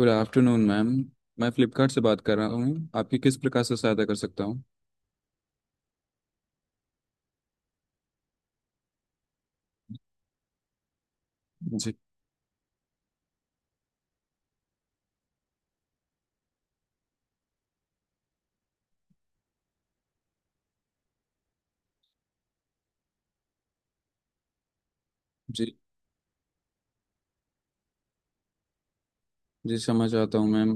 Good afternoon ma'am. मैं फ्लिपकार्ट से बात कर रहा हूँ, आपकी किस प्रकार से सहायता कर सकता हूँ? जी। जी। जी, समझ आता हूँ मैम।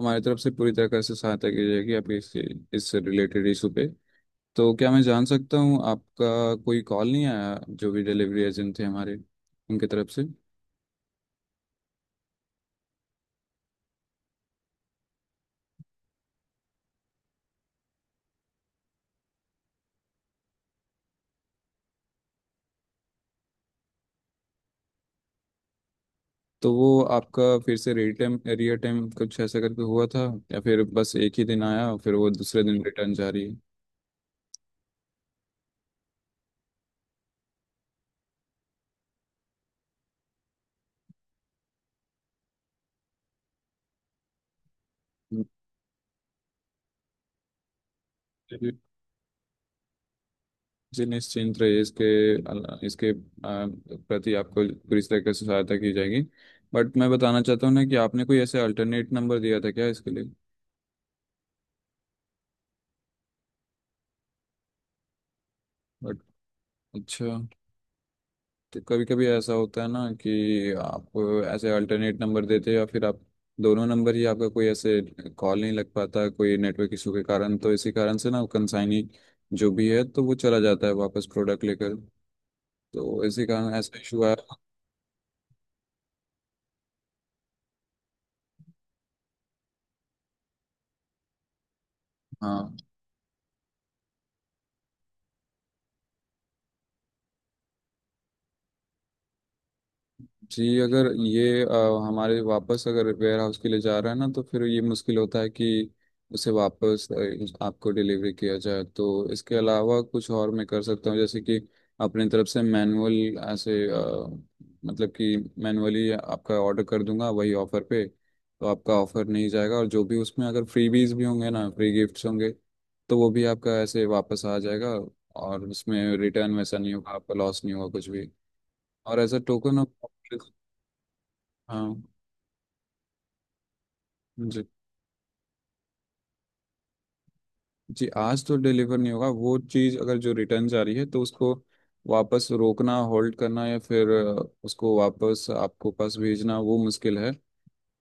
हमारी तरफ से पूरी तरह से सहायता की जाएगी आपके इस रिलेटेड इशू पे। तो क्या मैं जान सकता हूँ, आपका कोई कॉल नहीं आया जो भी डिलीवरी एजेंट थे हमारे उनकी तरफ से? तो वो आपका फिर से रिटर्न रियर टाइम कुछ ऐसा करके हुआ था, या फिर बस एक ही दिन आया और फिर वो दूसरे दिन रिटर्न जा रही है? जी निश्चिंत रहिए, इसके प्रति आपको पूरी तरीके से सहायता की जाएगी। बट मैं बताना चाहता हूँ ना कि आपने कोई ऐसे अल्टरनेट नंबर दिया था क्या इसके लिए? बट अच्छा। तो कभी कभी ऐसा होता है ना कि आप ऐसे अल्टरनेट नंबर देते हैं, या फिर आप दोनों नंबर ही आपका कोई ऐसे कॉल नहीं लग पाता कोई नेटवर्क इशू के कारण, तो इसी कारण से ना कंसाइनी जो भी है तो वो चला जाता है वापस प्रोडक्ट लेकर। तो इसी कारण ऐसा इशू आया। हाँ। जी अगर ये हमारे वापस अगर वेयर हाउस के लिए जा रहा है ना, तो फिर ये मुश्किल होता है कि उसे वापस आपको डिलीवरी किया जाए। तो इसके अलावा कुछ और मैं कर सकता हूँ, जैसे कि अपनी तरफ से मैनुअल ऐसे मतलब कि मैनुअली आपका ऑर्डर कर दूंगा वही ऑफर पे। तो आपका ऑफर नहीं जाएगा, और जो भी उसमें अगर फ्रीबीज भी होंगे ना, फ्री गिफ्ट्स होंगे, तो वो भी आपका ऐसे वापस आ जाएगा। और उसमें रिटर्न वैसा नहीं होगा, आपका लॉस नहीं होगा कुछ भी। और एज अ टोकन ऑफ। हाँ जी। जी आज तो डिलीवर नहीं होगा। वो चीज़ अगर जो रिटर्न जा रही है तो उसको वापस रोकना, होल्ड करना, या फिर उसको वापस आपको पास भेजना वो मुश्किल है।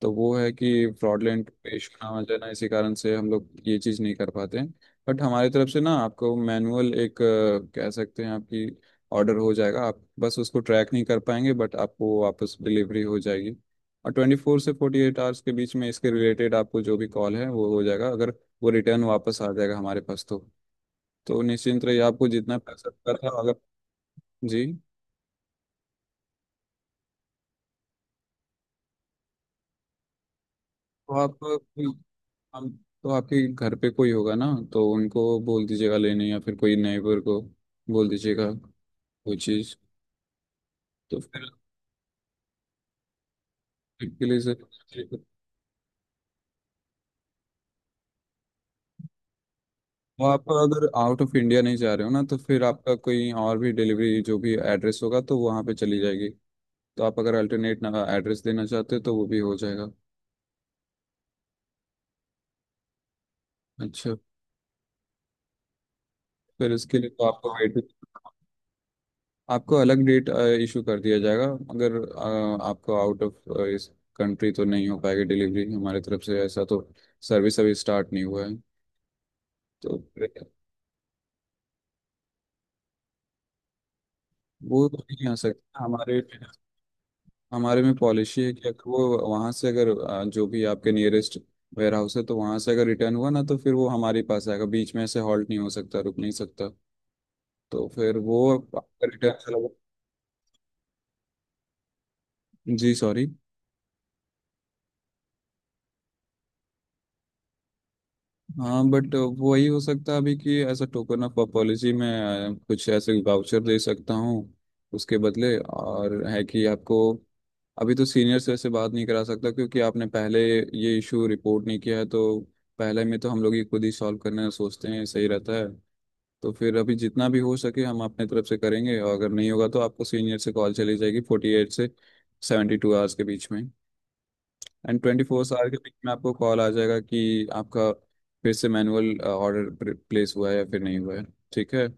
तो वो है कि फ्रॉडलेंट पेश ना आ जाना, इसी कारण से हम लोग ये चीज़ नहीं कर पाते हैं। बट हमारी तरफ से ना आपको मैनुअल एक कह सकते हैं, आपकी ऑर्डर हो जाएगा। आप बस उसको ट्रैक नहीं कर पाएंगे, बट आपको वापस डिलीवरी हो जाएगी। और 24 से 48 आवर्स के बीच में इसके रिलेटेड आपको जो भी कॉल है वो हो जाएगा, अगर वो रिटर्न वापस आ जाएगा हमारे पास तो। तो निश्चिंत रहिए, आपको जितना पैसा का था अगर। जी। तो आप हम तो आपके घर पे कोई होगा ना, तो उनको बोल दीजिएगा लेने, या फिर कोई नेबर को बोल दीजिएगा वो चीज़। तो फिर आपके लिए से, वो आप अगर आउट ऑफ इंडिया नहीं जा रहे हो ना, तो फिर आपका कोई और भी डिलीवरी जो भी एड्रेस होगा तो वहाँ पे चली जाएगी। तो आप अगर अल्टरनेट एड्रेस देना चाहते हो तो वो भी हो जाएगा। अच्छा। फिर इसके लिए तो आपको वेट, आपको अलग डेट इशू कर दिया जाएगा। अगर आपको आउट ऑफ इस कंट्री तो नहीं हो पाएगी डिलीवरी हमारे तरफ से, ऐसा तो सर्विस अभी स्टार्ट नहीं हुआ है। तो वो तो नहीं आ सकता। हमारे हमारे में पॉलिसी है कि अगर वो वहाँ से अगर जो भी आपके नियरेस्ट वेयर हाउस है तो वहाँ से अगर रिटर्न हुआ ना, तो फिर वो हमारे पास आएगा, बीच में ऐसे हॉल्ट नहीं हो सकता, रुक नहीं सकता। तो फिर वो रिटर्न चला। जी सॉरी। हाँ बट वही हो सकता है अभी कि ऐसा टोकन ऑफ पॉलिसी में कुछ ऐसे वाउचर दे सकता हूँ उसके बदले। और है कि आपको अभी तो सीनियर से ऐसे बात नहीं करा सकता क्योंकि आपने पहले ये इशू रिपोर्ट नहीं किया है। तो पहले में तो हम लोग ही खुद ही सॉल्व करना सोचते हैं, सही रहता है। तो फिर अभी जितना भी हो सके हम अपने तरफ से करेंगे, और अगर नहीं होगा तो आपको सीनियर से कॉल चली जाएगी 48 से 72 आवर्स के बीच में। एंड 24 आवर के बीच में आपको कॉल आ जाएगा कि आपका फिर से मैनुअल ऑर्डर प्लेस हुआ है या फिर नहीं हुआ है। ठीक है।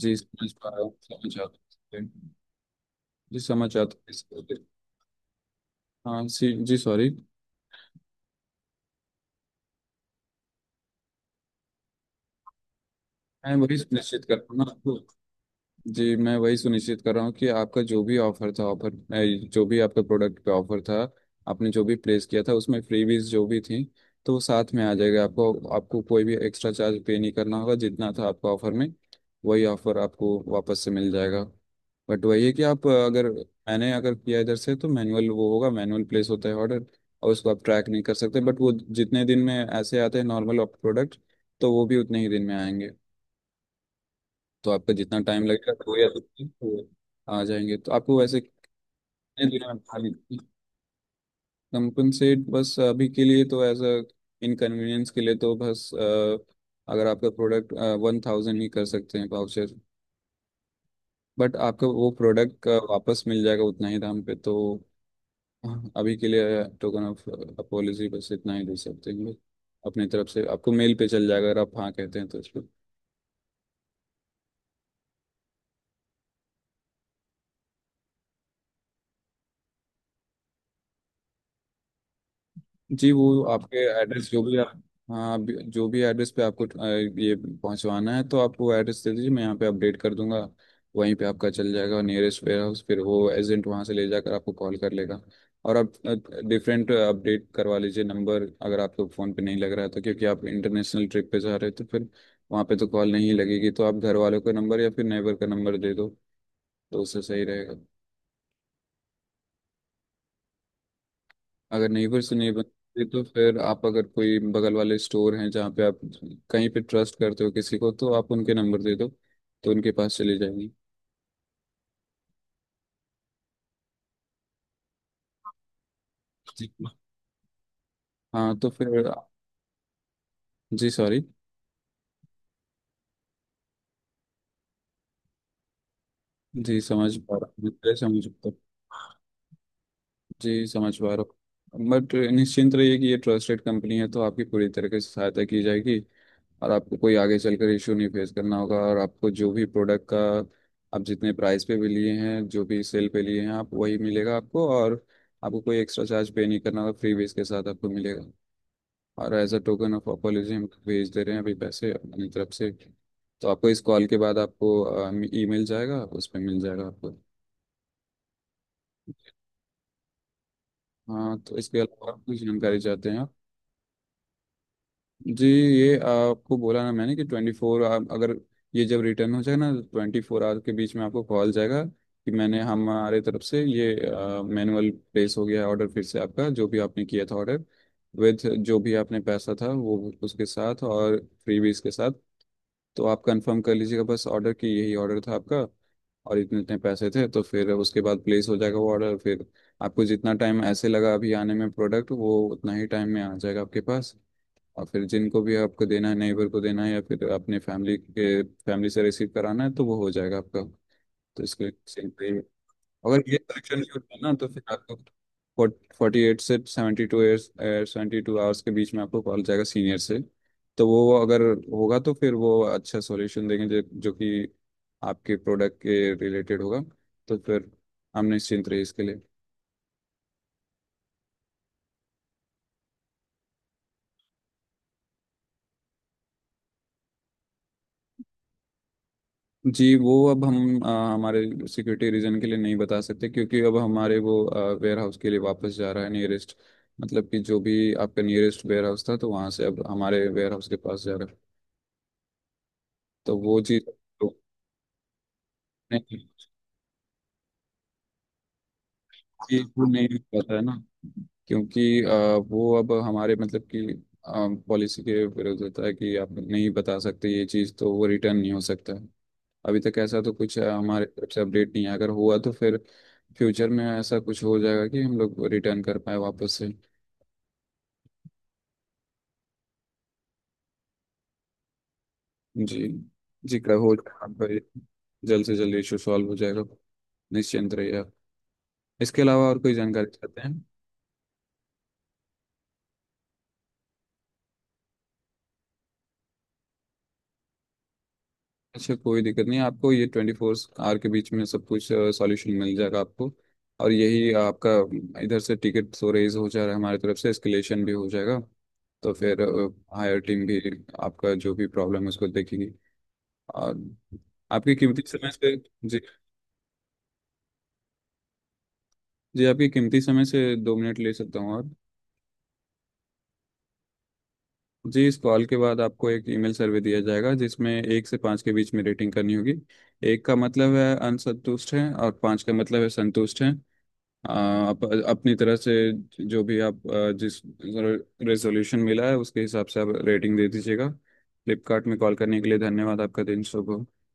जी समझ पा रहा हूँ, समझ आता हूँ। जी समझ आता हूँ। हाँ। सी जी सॉरी। मैं वही सुनिश्चित कर रहा हूँ ना आपको। जी मैं वही सुनिश्चित कर रहा हूँ कि आपका जो भी ऑफर था, ऑफर जो भी आपका प्रोडक्ट पे ऑफर था, आपने जो भी प्लेस किया था उसमें फ्रीबीज जो भी थी, तो वो साथ में आ जाएगा आपको आपको कोई भी एक्स्ट्रा चार्ज पे नहीं करना होगा, जितना था आपका ऑफर में वही ऑफर आपको वापस से मिल जाएगा। बट वही है कि आप अगर मैंने अगर किया इधर से तो मैनुअल वो होगा, मैनुअल प्लेस होता है ऑर्डर, और उसको आप ट्रैक नहीं कर सकते। बट वो जितने दिन में ऐसे आते हैं नॉर्मल प्रोडक्ट तो वो भी उतने ही दिन में आएंगे। तो आपका जितना टाइम लगेगा, 2 या 3 दिन तो आ जाएंगे। तो आपको वैसे कितने दिनों में खाली। कंपनसेट बस अभी के लिए तो एज अ इनकन्वीनियंस के लिए तो बस अगर आपका प्रोडक्ट 1,000 ही कर सकते हैं पाउचेस। बट आपका वो प्रोडक्ट वापस मिल जाएगा उतना ही दाम पे तो। अभी के लिए टोकन ऑफ अपोलॉजी बस इतना ही दे सकते हैं हम लोग अपनी तरफ से। आपको मेल पे चल जाएगा अगर आप हाँ कहते हैं तो। जी। वो आपके एड्रेस जो भी आप। हाँ आप जो भी एड्रेस पे आपको ये पहुंचवाना है तो आप वो एड्रेस दे दीजिए, मैं यहाँ पे अपडेट कर दूंगा। वहीं पे आपका चल जाएगा नियरेस्ट वेयर हाउस, फिर वो एजेंट वहाँ से ले जाकर आपको कॉल कर लेगा। और आप डिफरेंट अपडेट करवा लीजिए नंबर, अगर आपको फ़ोन पे नहीं लग रहा है तो, क्योंकि आप इंटरनेशनल ट्रिप पे जा रहे हो तो फिर वहाँ पे तो कॉल नहीं लगेगी। तो आप घर वालों का नंबर या फिर नेबर का नंबर दे दो, तो उससे सही रहेगा। अगर नेबर से नहीं बनती तो फिर आप अगर कोई बगल वाले स्टोर हैं जहाँ पे आप, कहीं पे ट्रस्ट करते हो किसी को, तो आप उनके नंबर दे दो तो उनके पास चली जाएंगी। हाँ। तो फिर। जी सॉरी। जी समझ पा रहा हूँ, मैं समझ पा रहा हूँ। जी समझ पा रहा हूँ, बट निश्चिंत रहिए कि ये ट्रस्टेड कंपनी है, तो आपकी पूरी तरह से सहायता की जाएगी और आपको कोई आगे चलकर इशू नहीं फेस करना होगा। और आपको जो भी प्रोडक्ट का आप जितने प्राइस पे भी लिए हैं, जो भी सेल पे लिए हैं, आप वही मिलेगा आपको, और आपको कोई एक्स्ट्रा चार्ज पे नहीं करना होगा, फ्री बेस के साथ आपको मिलेगा। और as a token of apology हम भेज दे रहे हैं अभी पैसे अपनी तरफ से। तो आपको इस कॉल के बाद आपको ई मिल जाएगा, उस पर मिल जाएगा आपको। हाँ। तो इसके अलावा और कुछ जानकारी चाहते हैं आप? जी। ये आपको बोला ना मैंने कि 24, आप अगर, ये जब रिटर्न हो जाए ना तो 24 आवर के बीच में आपको कॉल जाएगा कि मैंने हमारे तरफ से ये मैनुअल प्लेस हो गया है ऑर्डर फिर से, आपका जो भी आपने किया था ऑर्डर विथ जो भी आपने पैसा था वो, उसके साथ और फ्रीबीज के साथ। तो आप कंफर्म कर लीजिएगा बस ऑर्डर की यही ऑर्डर था आपका, और इतने इतने पैसे थे, तो फिर उसके बाद प्लेस हो जाएगा वो ऑर्डर फिर। आपको जितना टाइम ऐसे लगा अभी आने में प्रोडक्ट वो उतना ही टाइम में आ जाएगा आपके पास, और फिर जिनको भी आपको देना है, नेबर को देना है या फिर अपने फैमिली के फैमिली से रिसीव कराना है तो वो हो जाएगा आपका। तो इसके सेम पे ही है। अगर ये सेक्शन शूट है ना तो फिर आपको 48 से 72 आवर्स के बीच में आपको कॉल जाएगा सीनियर से। तो वो अगर होगा तो फिर वो अच्छा सॉल्यूशन देंगे जो जो कि आपके प्रोडक्ट के रिलेटेड होगा। तो फिर हम निश्चिंत रहे इसके लिए। जी वो अब हमारे सिक्योरिटी रीजन के लिए नहीं बता सकते, क्योंकि अब हमारे वो वेयर हाउस के लिए वापस जा रहा है नियरेस्ट। मतलब कि जो भी आपका नियरेस्ट वेयर हाउस था तो वहाँ से अब हमारे वेयर हाउस के पास जा रहा है। तो वो चीज़ तो नहीं। चीज़ को नहीं पता है ना, क्योंकि वो अब हमारे मतलब कि पॉलिसी के विरुद्ध होता है कि आप नहीं बता सकते ये चीज़, तो वो रिटर्न नहीं हो सकता है। अभी तक ऐसा तो कुछ हमारे तरफ से अपडेट नहीं है। अगर हुआ तो फिर फ्यूचर में ऐसा कुछ हो जाएगा कि हम लोग रिटर्न कर पाए वापस से। जी। जी कर हो आपका ये जल्द से जल्द इशू सॉल्व हो जाएगा, निश्चिंत रहिए आप। इसके अलावा और कोई जानकारी चाहते हैं? अच्छा, कोई दिक्कत नहीं। आपको ये 24 आवर के बीच में सब कुछ सॉल्यूशन मिल जाएगा आपको। और यही आपका, इधर से टिकट तो रेज हो जा रहा है, हमारी तरफ से एस्केलेशन भी हो जाएगा। तो फिर हायर टीम भी आपका जो भी प्रॉब्लम है उसको देखेगी। और आपके कीमती समय से। जी। जी आपके कीमती समय से 2 मिनट ले सकता हूँ? और। जी इस कॉल के बाद आपको एक ईमेल सर्वे दिया जाएगा, जिसमें एक से पाँच के बीच में रेटिंग करनी होगी। एक का मतलब है असंतुष्ट है और पाँच का मतलब है संतुष्ट है। आ, आप अपनी तरफ से जो भी आप जिस रेजोल्यूशन मिला है उसके हिसाब से आप रेटिंग दे दीजिएगा। फ्लिपकार्ट में कॉल करने के लिए धन्यवाद, आपका दिन शुभ हो।